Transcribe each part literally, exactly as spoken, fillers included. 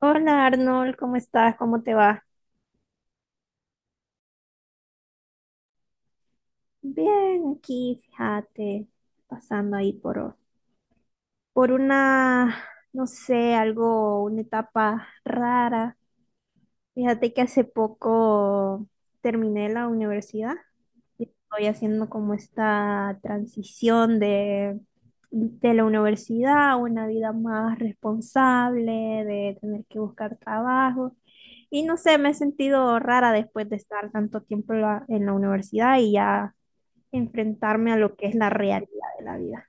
Hola Arnold, ¿cómo estás? ¿Cómo te va? Bien, aquí, fíjate, pasando ahí por, por una, no sé, algo, una etapa rara. Fíjate que hace poco terminé la universidad y estoy haciendo como esta transición de, de la universidad a una vida más responsable, de tener que buscar trabajo. Y no sé, me he sentido rara después de estar tanto tiempo en la, en la universidad y ya enfrentarme a lo que es la realidad de la vida.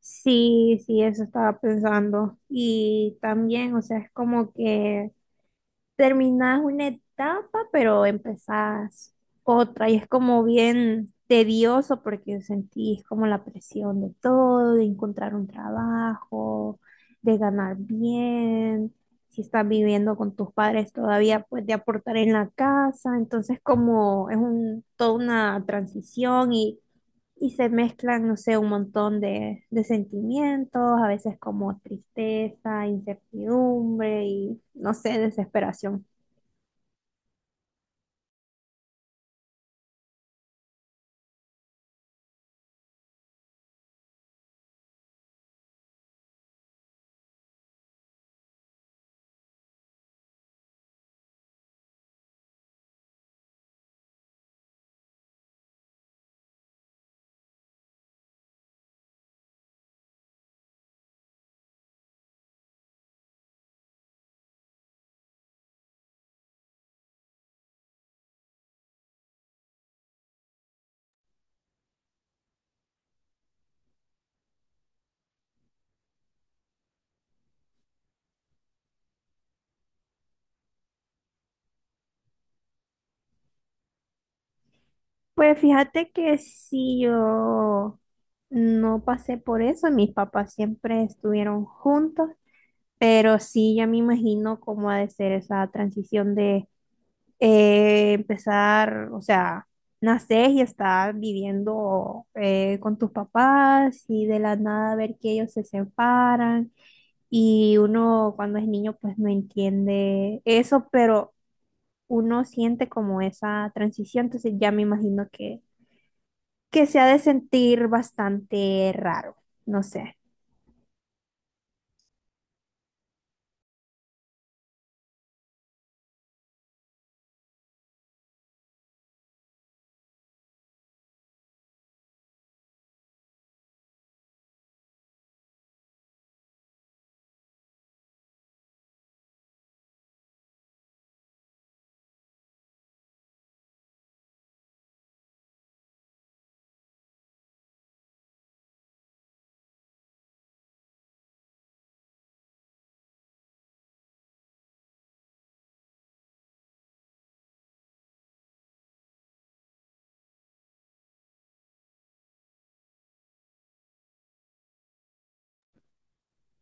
Sí, sí, eso estaba pensando. Y también, o sea, es como que terminás una etapa, pero empezás otra y es como bien tedioso porque sentís como la presión de todo, de encontrar un trabajo, de ganar bien, si estás viviendo con tus padres todavía, pues de aportar en la casa, entonces como es un, toda una transición. Y... Y se mezclan, no sé, un montón de, de sentimientos, a veces como tristeza, incertidumbre y, no sé, desesperación. Pues fíjate que sí, yo no pasé por eso, mis papás siempre estuvieron juntos, pero sí, ya me imagino cómo ha de ser esa transición de eh, empezar, o sea, nacer y estar viviendo eh, con tus papás y de la nada ver que ellos se separan y uno cuando es niño pues no entiende eso, pero uno siente como esa transición, entonces ya me imagino que que se ha de sentir bastante raro, no sé.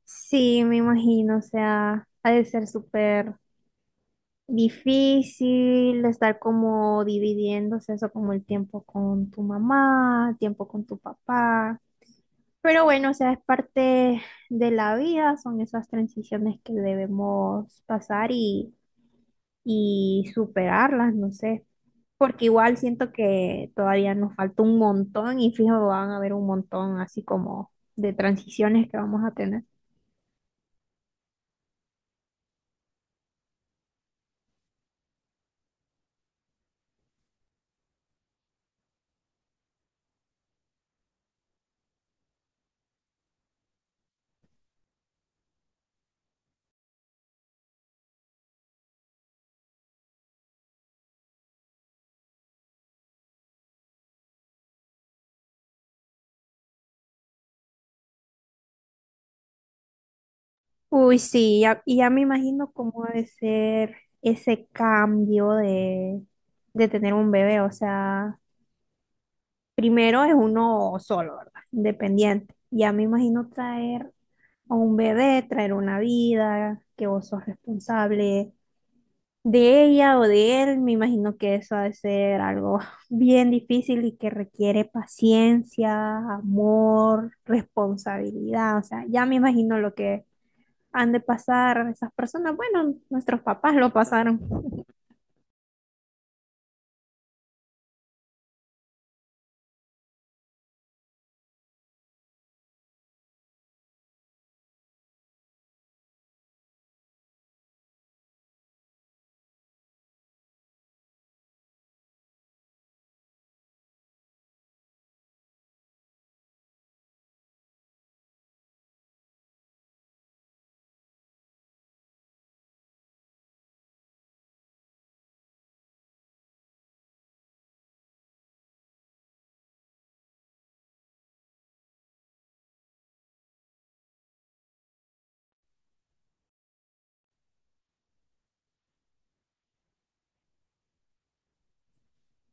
Sí, me imagino, o sea, ha de ser súper difícil estar como dividiéndose eso como el tiempo con tu mamá, tiempo con tu papá. Pero bueno, o sea, es parte de la vida, son esas transiciones que debemos pasar y y superarlas, no sé, porque igual siento que todavía nos falta un montón y fijo, van a haber un montón así como de transiciones que vamos a tener. Uy, sí, ya- y ya me imagino cómo ha de ser ese cambio de, de tener un bebé. O sea, primero es uno solo, ¿verdad? Independiente. Ya me imagino traer a un bebé, traer una vida, que vos sos responsable, de ella o de él, me imagino que eso ha de ser algo bien difícil y que requiere paciencia, amor, responsabilidad. O sea, ya me imagino lo que han de pasar esas personas. Bueno, nuestros papás lo pasaron.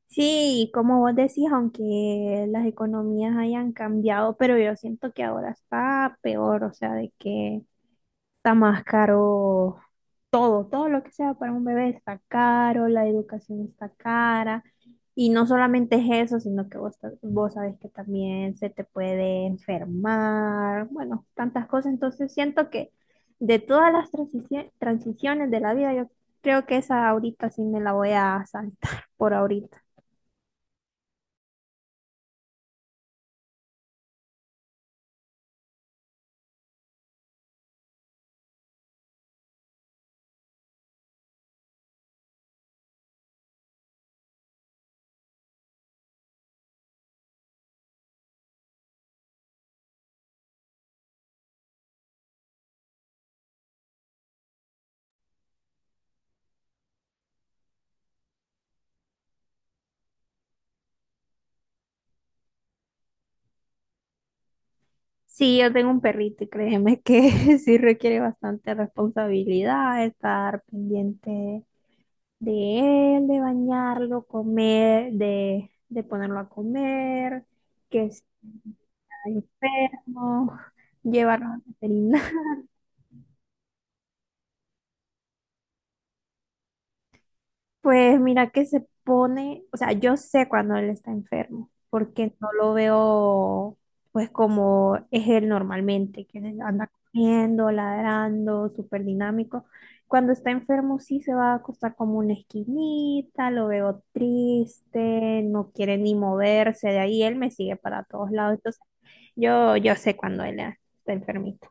Sí, y como vos decís, aunque las economías hayan cambiado, pero yo siento que ahora está peor, o sea, de que está más caro todo, todo lo que sea para un bebé está caro, la educación está cara. Y no solamente es eso, sino que vos, ta- vos sabés que también se te puede enfermar, bueno, tantas cosas. Entonces siento que de todas las transici- transiciones de la vida, yo creo que esa ahorita sí me la voy a saltar por ahorita. Sí, yo tengo un perrito y créeme que sí requiere bastante responsabilidad estar pendiente de él, de bañarlo, comer, de, de ponerlo a comer, que si está enfermo, llevarlo al veterinario. Pues mira que se pone, o sea, yo sé cuando él está enfermo, porque no lo veo pues como es él normalmente, que anda corriendo, ladrando, súper dinámico. Cuando está enfermo sí se va a acostar como una esquinita, lo veo triste, no quiere ni moverse de ahí, él me sigue para todos lados, entonces yo, yo sé cuando él está enfermito.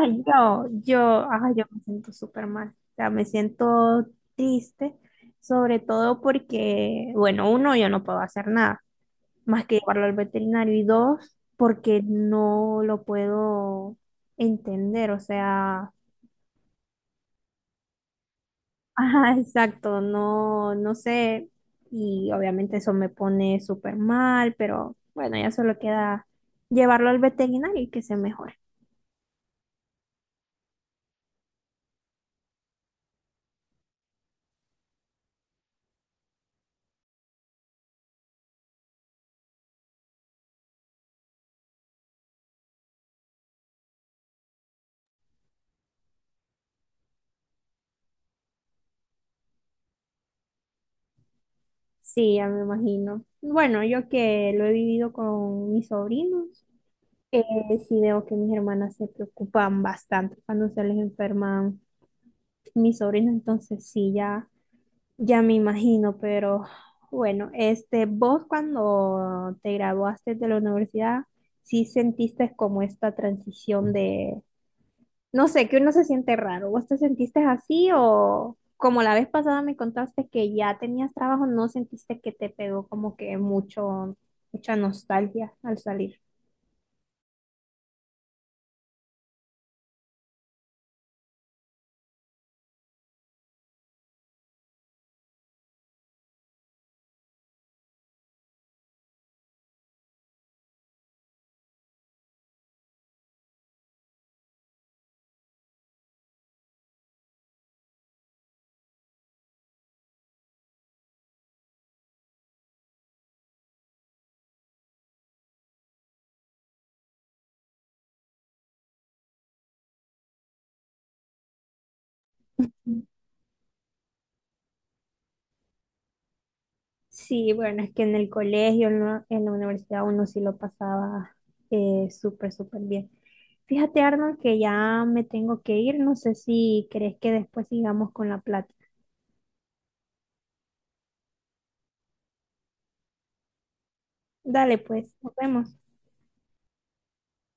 Ay, yo, yo, ay, yo me siento súper mal. O sea, me siento triste, sobre todo porque, bueno, uno, yo no puedo hacer nada más que llevarlo al veterinario y dos, porque no lo puedo entender. O sea, ajá, exacto, no, no sé. Y obviamente eso me pone súper mal, pero bueno, ya solo queda llevarlo al veterinario y que se mejore. Sí, ya me imagino. Bueno, yo que lo he vivido con mis sobrinos, eh, sí veo que mis hermanas se preocupan bastante cuando se les enferman mis sobrinos, entonces sí, ya, ya me imagino, pero bueno, este, vos cuando te graduaste de la universidad, ¿sí sentiste como esta transición de, no sé, que uno se siente raro? ¿Vos te sentiste así o como la vez pasada me contaste que ya tenías trabajo, no sentiste que te pegó como que mucho, mucha nostalgia al salir? Sí, bueno, es que en el colegio, en la, en la universidad uno sí lo pasaba eh, súper, súper bien. Fíjate, Arnold, que ya me tengo que ir. No sé si crees que después sigamos con la plática. Dale, pues, nos vemos.